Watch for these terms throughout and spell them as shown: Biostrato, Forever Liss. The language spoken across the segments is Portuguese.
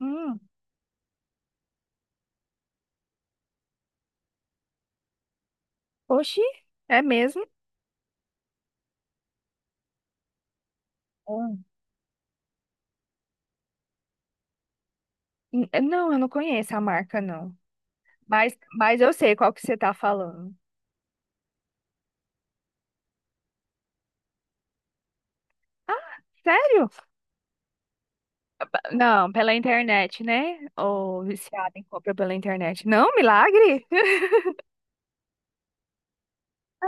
Hum. Oxi, é mesmo? Hum. Não, eu não conheço a marca, não. Mas eu sei qual que você tá falando. Ah, sério? Não, pela internet, né? Ou viciada em compra pela internet. Não, milagre? Ah,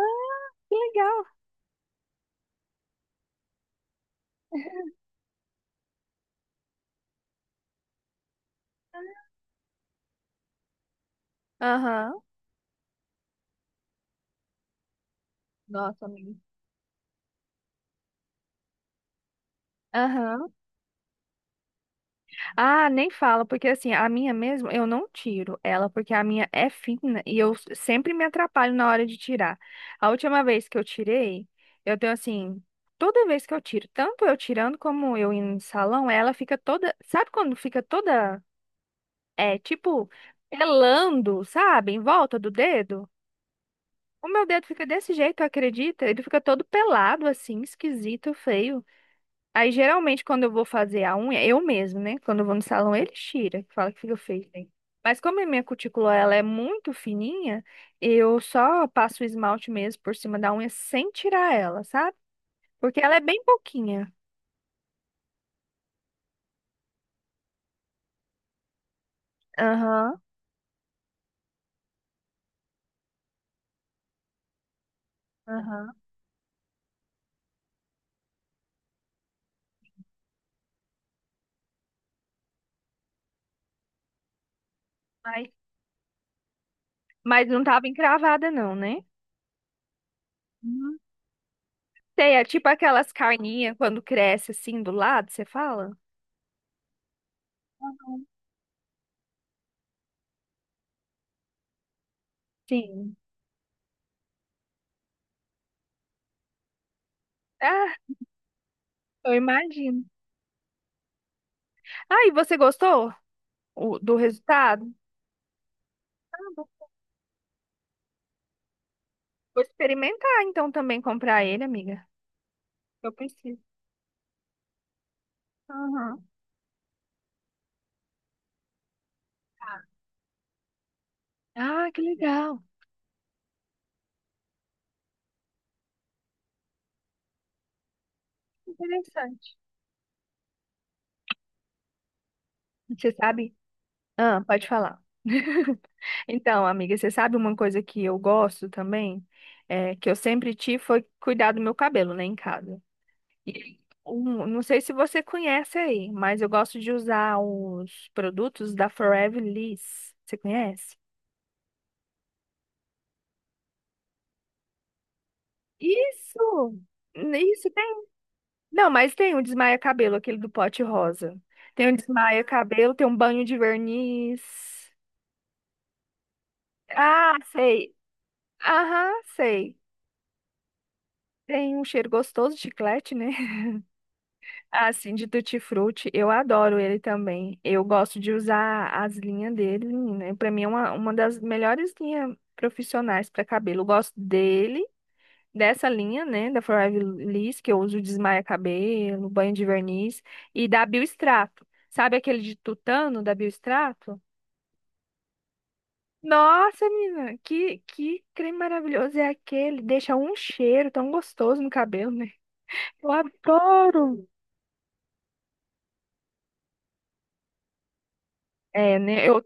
que legal. Aham. Nossa, amiga. Aham. Ah, nem fala, porque assim, a minha mesmo, eu não tiro ela, porque a minha é fina e sempre me atrapalho na hora de tirar. A última vez que eu tirei, eu tenho assim, toda vez que eu tiro, tanto eu tirando como eu indo no salão, ela fica toda, sabe quando fica toda, é, tipo, pelando, sabe, em volta do dedo? O meu dedo fica desse jeito, acredita? Ele fica todo pelado, assim, esquisito, feio. Aí, geralmente, quando eu vou fazer a unha, eu mesmo, né? Quando eu vou no salão, eles tiram, que fala que fica feio, né. Mas como a minha cutícula, ela é muito fininha, eu só passo o esmalte mesmo por cima da unha sem tirar ela, sabe? Porque ela é bem pouquinha. Aham, aham. Mas, mas não tava encravada não, né? Uhum. Sei, é tipo aquelas carninhas quando cresce assim do lado, você fala? Sim. Ah, eu imagino. Ah, e você gostou do resultado? Vou experimentar então também comprar ele, amiga. Eu preciso. Aham. Ah, que legal. Interessante. Você sabe? Ah, pode falar. Então, amiga, você sabe uma coisa que eu gosto também? É, que eu sempre tive foi cuidar do meu cabelo, né, em casa. E não sei se você conhece aí, mas eu gosto de usar os produtos da Forever Liss. Você conhece? Isso! Isso. Não, mas tem um desmaia cabelo, aquele do pote rosa. Tem um desmaia cabelo, tem um banho de verniz. Ah, sei. Aham, sei. Tem um cheiro gostoso de chiclete, né? Assim, de tutti-frutti. Eu adoro ele também. Eu gosto de usar as linhas dele, né? Pra mim é uma das melhores linhas profissionais para cabelo. Eu gosto dele, dessa linha, né, da Forever Liss, que eu uso desmaia cabelo, banho de verniz, e da Biostrato. Sabe aquele de tutano da Biostrato? Nossa, menina, que creme maravilhoso é aquele? Deixa um cheiro tão gostoso no cabelo, né? Eu adoro! É, né, eu,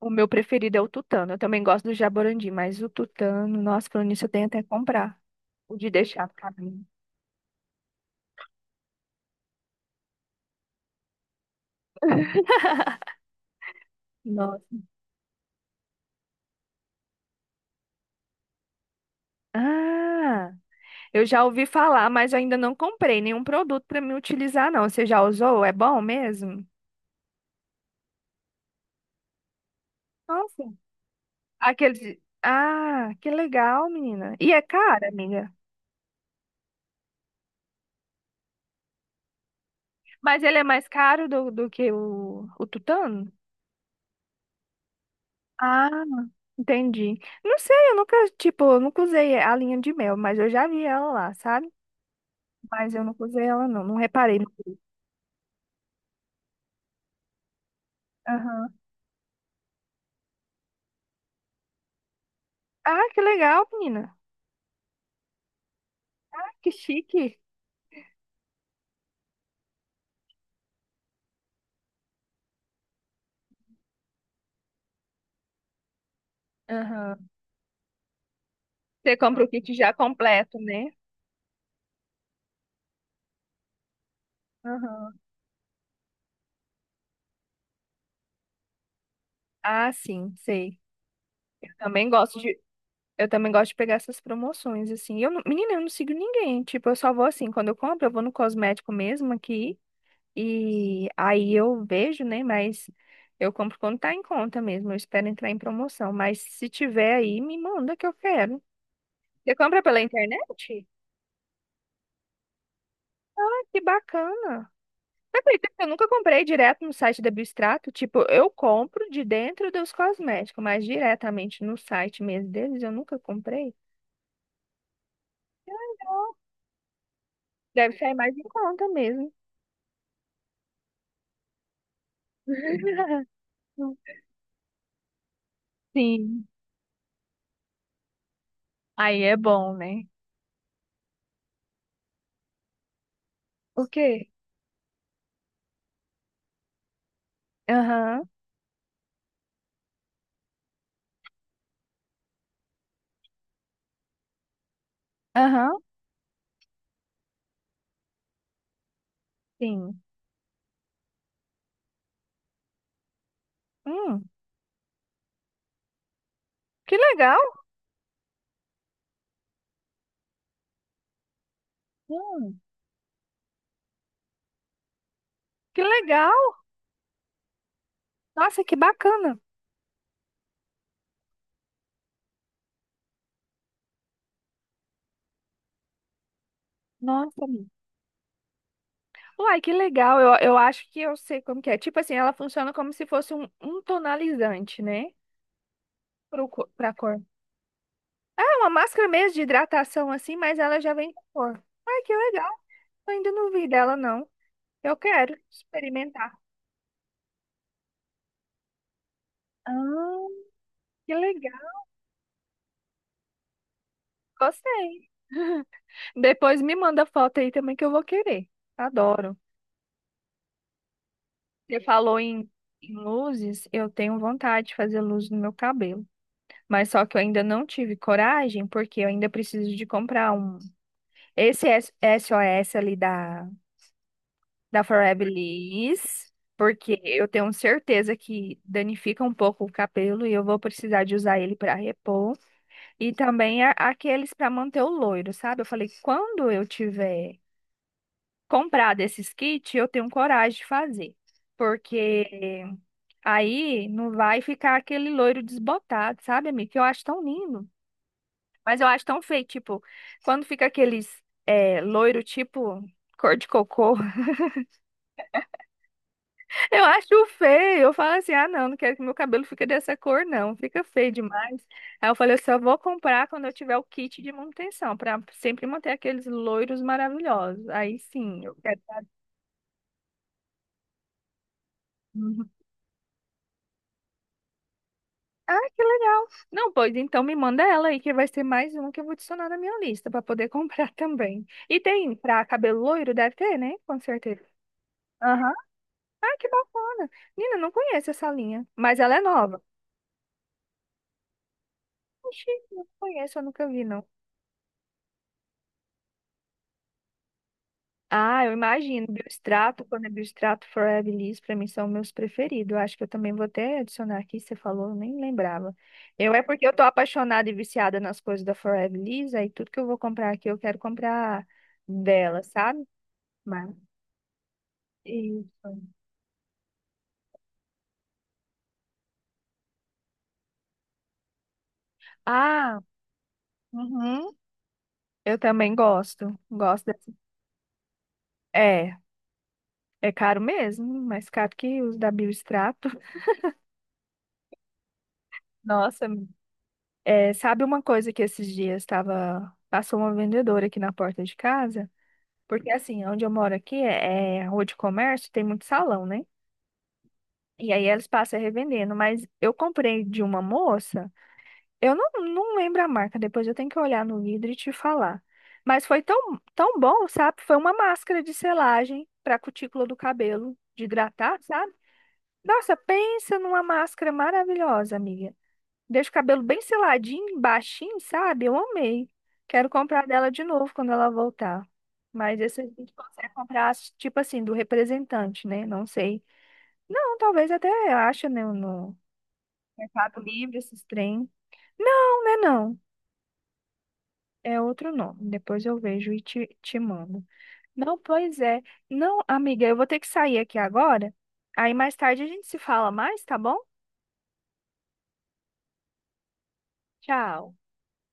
o meu preferido é o tutano. Eu também gosto do jaborandi, mas o tutano, nossa, falando nisso, eu tenho até que comprar. O de deixar pro cabelo. Nossa. Ah! Eu já ouvi falar, mas eu ainda não comprei nenhum produto para me utilizar, não. Você já usou? É bom mesmo? Nossa, aquele. Ah, que legal, menina. E é caro, amiga. Mas ele é mais caro do que o tutano? Ah, entendi. Não sei, eu nunca, tipo, eu nunca usei a linha de mel, mas eu já vi ela lá, sabe? Mas eu nunca usei ela, não. Não reparei no preço. Aham. Ah, que legal, menina. Ah, que chique. Aham. Você compra o kit já completo, né? Aham. Ah, sim, sei. Eu também gosto de, eu também gosto de pegar essas promoções, assim. Eu, menina, eu não sigo ninguém. Tipo, eu só vou assim, quando eu compro, eu vou no cosmético mesmo aqui. E aí eu vejo, né? Mas eu compro quando tá em conta mesmo. Eu espero entrar em promoção. Mas se tiver aí, me manda que eu quero. Você compra pela internet? Ah, que bacana. Você acredita que eu nunca comprei direto no site da Biostrato. Tipo, eu compro de dentro dos cosméticos, mas diretamente no site mesmo deles, eu nunca comprei. Deve sair mais em conta mesmo. Sim. Aí é bom, né? O quê? Aham. Aham. Sim. Hum, que legal. Hum, que legal. Nossa, que bacana. Nossa, amiga. Uai, que legal. Eu acho que eu sei como que é. Tipo assim, ela funciona como se fosse um tonalizante, né? Pro, pra cor. É uma máscara mesmo de hidratação assim, mas ela já vem com cor. Ai, que legal. Eu ainda não vi dela, não. Eu quero experimentar. Ah, que legal. Gostei. Depois me manda foto aí também que eu vou querer. Adoro. Você falou em, em luzes, eu tenho vontade de fazer luz no meu cabelo. Mas só que eu ainda não tive coragem, porque eu ainda preciso de comprar um. Esse SOS ali da, da Forever Liss, porque eu tenho certeza que danifica um pouco o cabelo e eu vou precisar de usar ele para repor. E também aqueles para manter o loiro, sabe? Eu falei, quando eu tiver comprar desses kits, eu tenho coragem de fazer. Porque aí não vai ficar aquele loiro desbotado, sabe, amiga? Que eu acho tão lindo. Mas eu acho tão feio, tipo, quando fica aqueles loiro, tipo, cor de cocô. Eu acho feio. Eu falo assim, ah, não, não quero que meu cabelo fique dessa cor, não. Fica feio demais. Aí eu falei, eu só vou comprar quando eu tiver o kit de manutenção, pra sempre manter aqueles loiros maravilhosos. Aí sim, eu quero. Ah, que legal. Não, pois então me manda ela aí, que vai ser mais uma que eu vou adicionar na minha lista para poder comprar também. E tem pra cabelo loiro, deve ter, né? Com certeza. Aham. Ah, que bacana. Nina, não conheço essa linha, mas ela é nova. Oxi, não conheço, eu nunca vi, não. Ah, eu imagino. Biostrato, quando é Biostrato, Forever Liss, para mim são meus preferidos. Eu acho que eu também vou até adicionar aqui, você falou, eu nem lembrava. Eu é porque eu tô apaixonada e viciada nas coisas da Forever Liss, aí tudo que eu vou comprar aqui, eu quero comprar dela, sabe? Mas... Isso. Ah, uhum. Eu também gosto. Gosto dessa. É, é caro mesmo, mais caro que os da Biostrato. Nossa, é, sabe uma coisa que esses dias estava. Passou uma vendedora aqui na porta de casa? Porque assim, onde eu moro aqui é, é rua de comércio, tem muito salão, né? E aí eles passam revendendo, mas eu comprei de uma moça, eu não, não lembro a marca, depois eu tenho que olhar no vidro e te falar. Mas foi tão bom, sabe? Foi uma máscara de selagem para cutícula do cabelo, de hidratar, sabe? Nossa, pensa numa máscara maravilhosa, amiga. Deixa o cabelo bem seladinho, baixinho, sabe? Eu amei. Quero comprar dela de novo quando ela voltar. Mas esse a gente consegue comprar, tipo assim, do representante, né? Não sei. Não, talvez até acha, né, no Mercado Livre, esses trem. Não, né, não. É outro nome. Depois eu vejo e te mando. Não, pois é. Não, amiga, eu vou ter que sair aqui agora. Aí mais tarde a gente se fala mais, tá bom? Tchau.